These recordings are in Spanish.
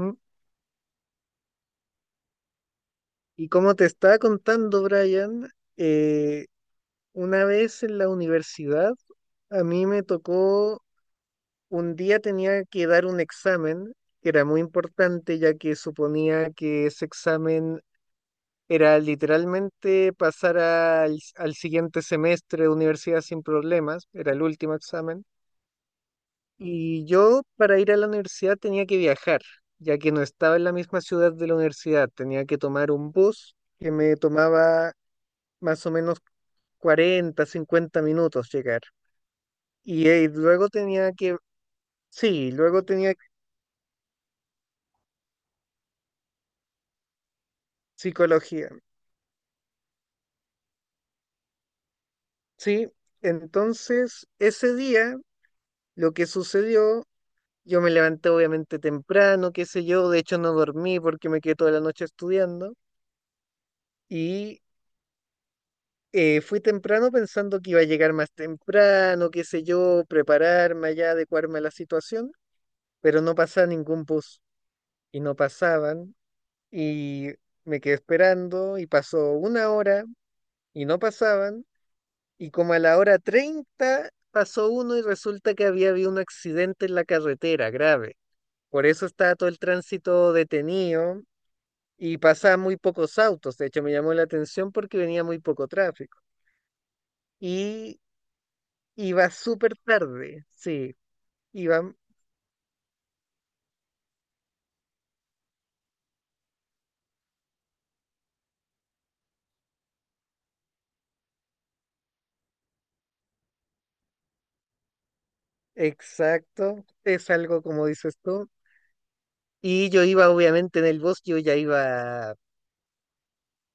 Mm. Y como te estaba contando, Brian, eh, una vez en la universidad, a mí me tocó, un día tenía que dar un examen que era muy importante, ya que suponía que ese examen era literalmente pasar al siguiente semestre de universidad sin problemas, era el último examen. Y yo para ir a la universidad tenía que viajar, ya que no estaba en la misma ciudad de la universidad, tenía que tomar un bus que me tomaba más o menos 40 50 minutos llegar. Y, sí, luego tenía psicología, sí. Entonces, ese día, lo que sucedió, yo me levanté obviamente temprano, qué sé yo, de hecho no dormí porque me quedé toda la noche estudiando y fui temprano pensando que iba a llegar más temprano, qué sé yo, prepararme allá, adecuarme a la situación, pero no pasaba ningún bus y no pasaban y me quedé esperando y pasó una hora y no pasaban y como a la hora 30 pasó uno y resulta que había habido un accidente en la carretera grave. Por eso estaba todo el tránsito detenido y pasaban muy pocos autos. De hecho, me llamó la atención porque venía muy poco tráfico. Y iba súper tarde, sí, iba, exacto, es algo como dices tú. Y yo iba obviamente en el bus, yo ya iba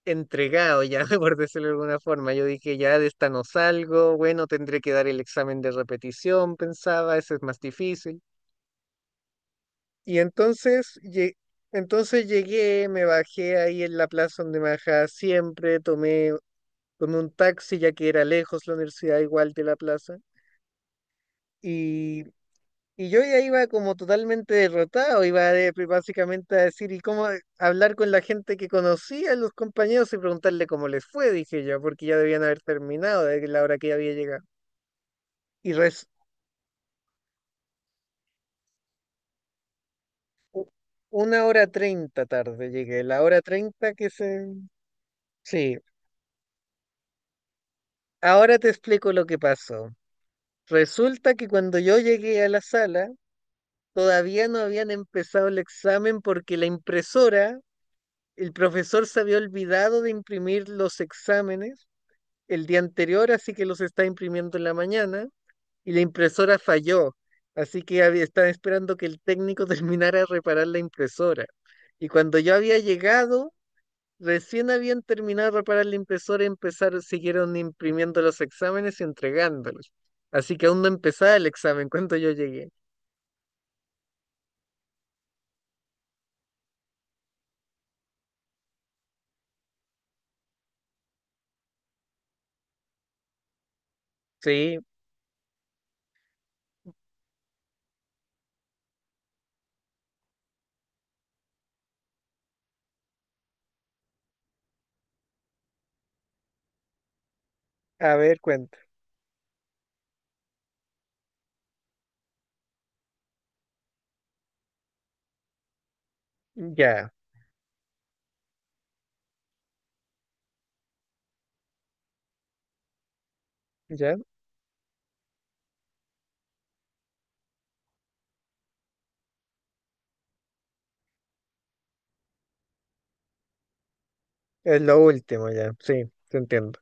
entregado ya, por decirlo de alguna forma. Yo dije, ya de esta no salgo, bueno, tendré que dar el examen de repetición, pensaba, ese es más difícil. Y entonces, entonces llegué, me bajé ahí en la plaza donde me bajaba siempre, tomé un taxi ya que era lejos la universidad igual de la plaza. Y Y yo ya iba como totalmente derrotado, iba básicamente a decir, ¿y cómo hablar con la gente que conocía, los compañeros, y preguntarle cómo les fue? Dije yo, porque ya debían haber terminado de la hora que ya había llegado. Y res, una hora treinta tarde llegué, la hora treinta que se... Sí, ahora te explico lo que pasó. Resulta que cuando yo llegué a la sala, todavía no habían empezado el examen porque la impresora, el profesor se había olvidado de imprimir los exámenes el día anterior, así que los está imprimiendo en la mañana y la impresora falló. Así que estaba esperando que el técnico terminara de reparar la impresora. Y cuando yo había llegado, recién habían terminado de reparar la impresora y empezaron, siguieron imprimiendo los exámenes y entregándolos. Así que aún no empezaba el examen cuando yo llegué. Sí, a ver, cuenta. Ya, ya. Es lo último, ya. Sí, te entiendo.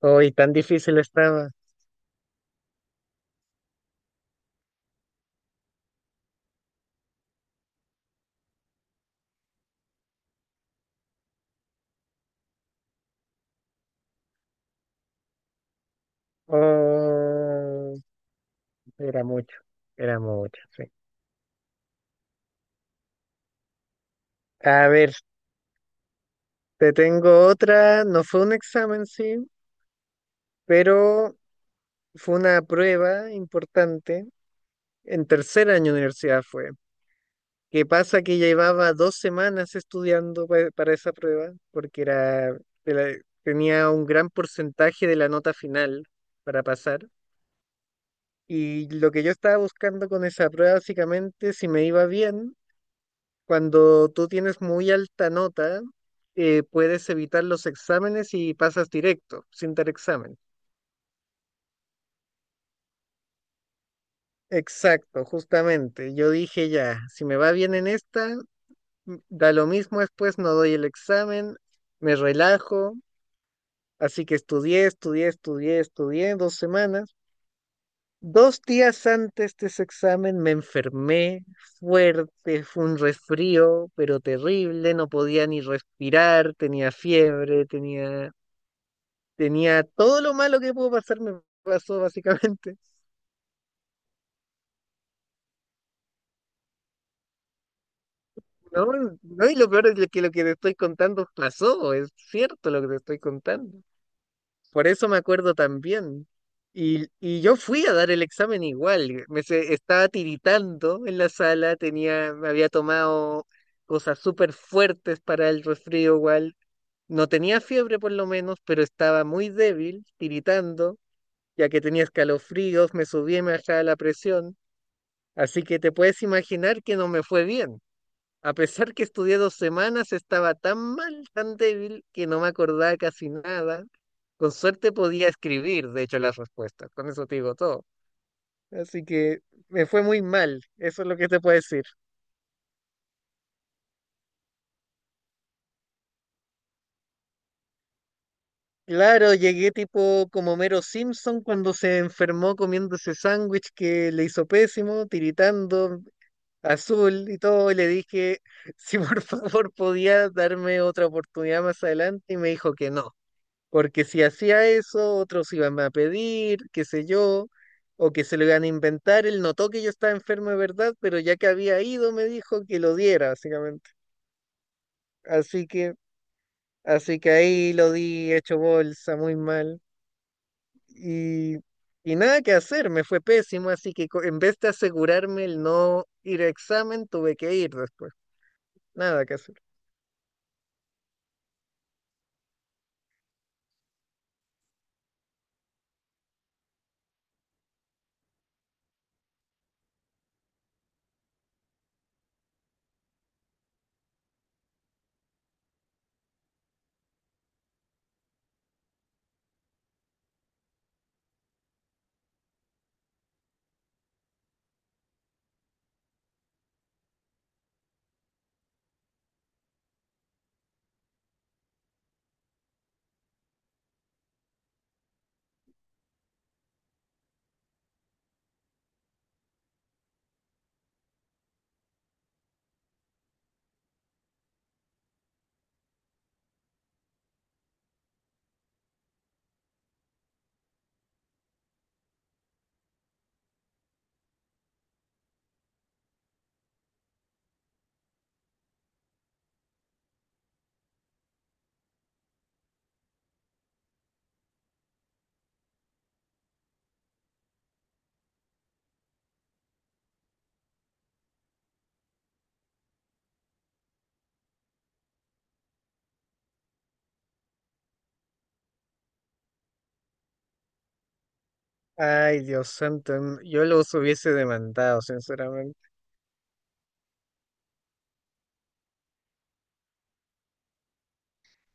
Hoy tan difícil estaba. Oh. Era mucho, era mucho, sí. A ver, te tengo otra, no fue un examen, sí, pero fue una prueba importante. En tercer año de universidad fue. ¿Qué pasa? Que llevaba 2 semanas estudiando para esa prueba, porque era, de la- tenía un gran porcentaje de la nota final para pasar. Y lo que yo estaba buscando con esa prueba, básicamente, si me iba bien. Cuando tú tienes muy alta nota, puedes evitar los exámenes y pasas directo, sin dar examen. Exacto, justamente. Yo dije ya, si me va bien en esta, da lo mismo después, no doy el examen, me relajo. Así que estudié, estudié, estudié, estudié 2 semanas. 2 días antes de ese examen me enfermé fuerte, fue un resfrío, pero terrible, no podía ni respirar, tenía fiebre, tenía todo lo malo que pudo pasar, me pasó básicamente. No, no, y lo peor es que lo que te estoy contando pasó, es cierto lo que te estoy contando. Por eso me acuerdo también. Y yo fui a dar el examen igual, estaba tiritando en la sala, tenía, me había tomado cosas súper fuertes para el resfrío igual, no tenía fiebre por lo menos, pero estaba muy débil, tiritando, ya que tenía escalofríos, me subía y me bajaba la presión. Así que te puedes imaginar que no me fue bien. A pesar que estudié 2 semanas, estaba tan mal, tan débil, que no me acordaba casi nada. Con suerte podía escribir, de hecho, las respuestas. Con eso te digo todo. Así que me fue muy mal, eso es lo que te puedo decir. Claro, llegué tipo como Mero Simpson cuando se enfermó comiendo ese sándwich que le hizo pésimo, tiritando azul y todo, y le dije si por favor podía darme otra oportunidad más adelante y me dijo que no. Porque si hacía eso, otros iban a pedir, qué sé yo, o que se lo iban a inventar. Él notó que yo estaba enfermo de verdad, pero ya que había ido me dijo que lo diera, básicamente. Así que, así que ahí lo di hecho bolsa, muy mal. Y, y nada que hacer, me fue pésimo, así que en vez de asegurarme el no ir a examen, tuve que ir después. Nada que hacer. Ay, Dios santo, yo los hubiese demandado, sinceramente.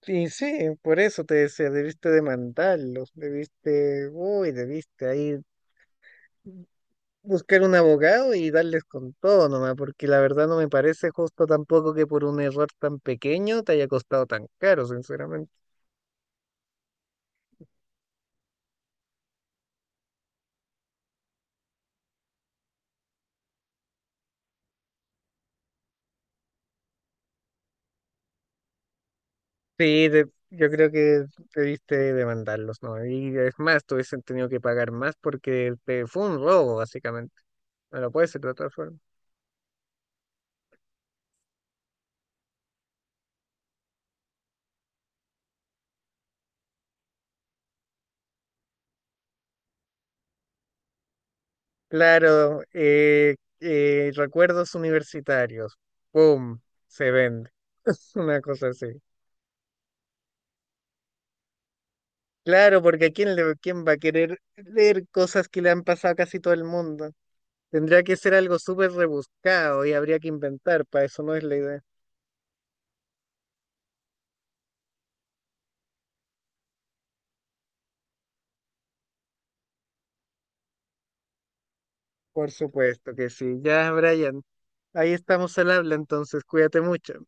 Y sí, por eso te decía, debiste demandarlos, debiste, uy, debiste ahí buscar un abogado y darles con todo nomás, porque la verdad no me parece justo tampoco que por un error tan pequeño te haya costado tan caro, sinceramente. Sí, yo creo que debiste demandarlos, ¿no? Y es más, te hubiesen tenido que pagar más porque te, fue un robo, básicamente. No lo puedes hacer de otra forma. Claro, recuerdos universitarios, ¡pum! Se vende. Una cosa así. Claro, porque ¿a quién, quién va a querer leer cosas que le han pasado a casi todo el mundo? Tendría que ser algo súper rebuscado y habría que inventar, para eso no es la idea. Por supuesto que sí. Ya, Brian, ahí estamos al habla, entonces cuídate mucho.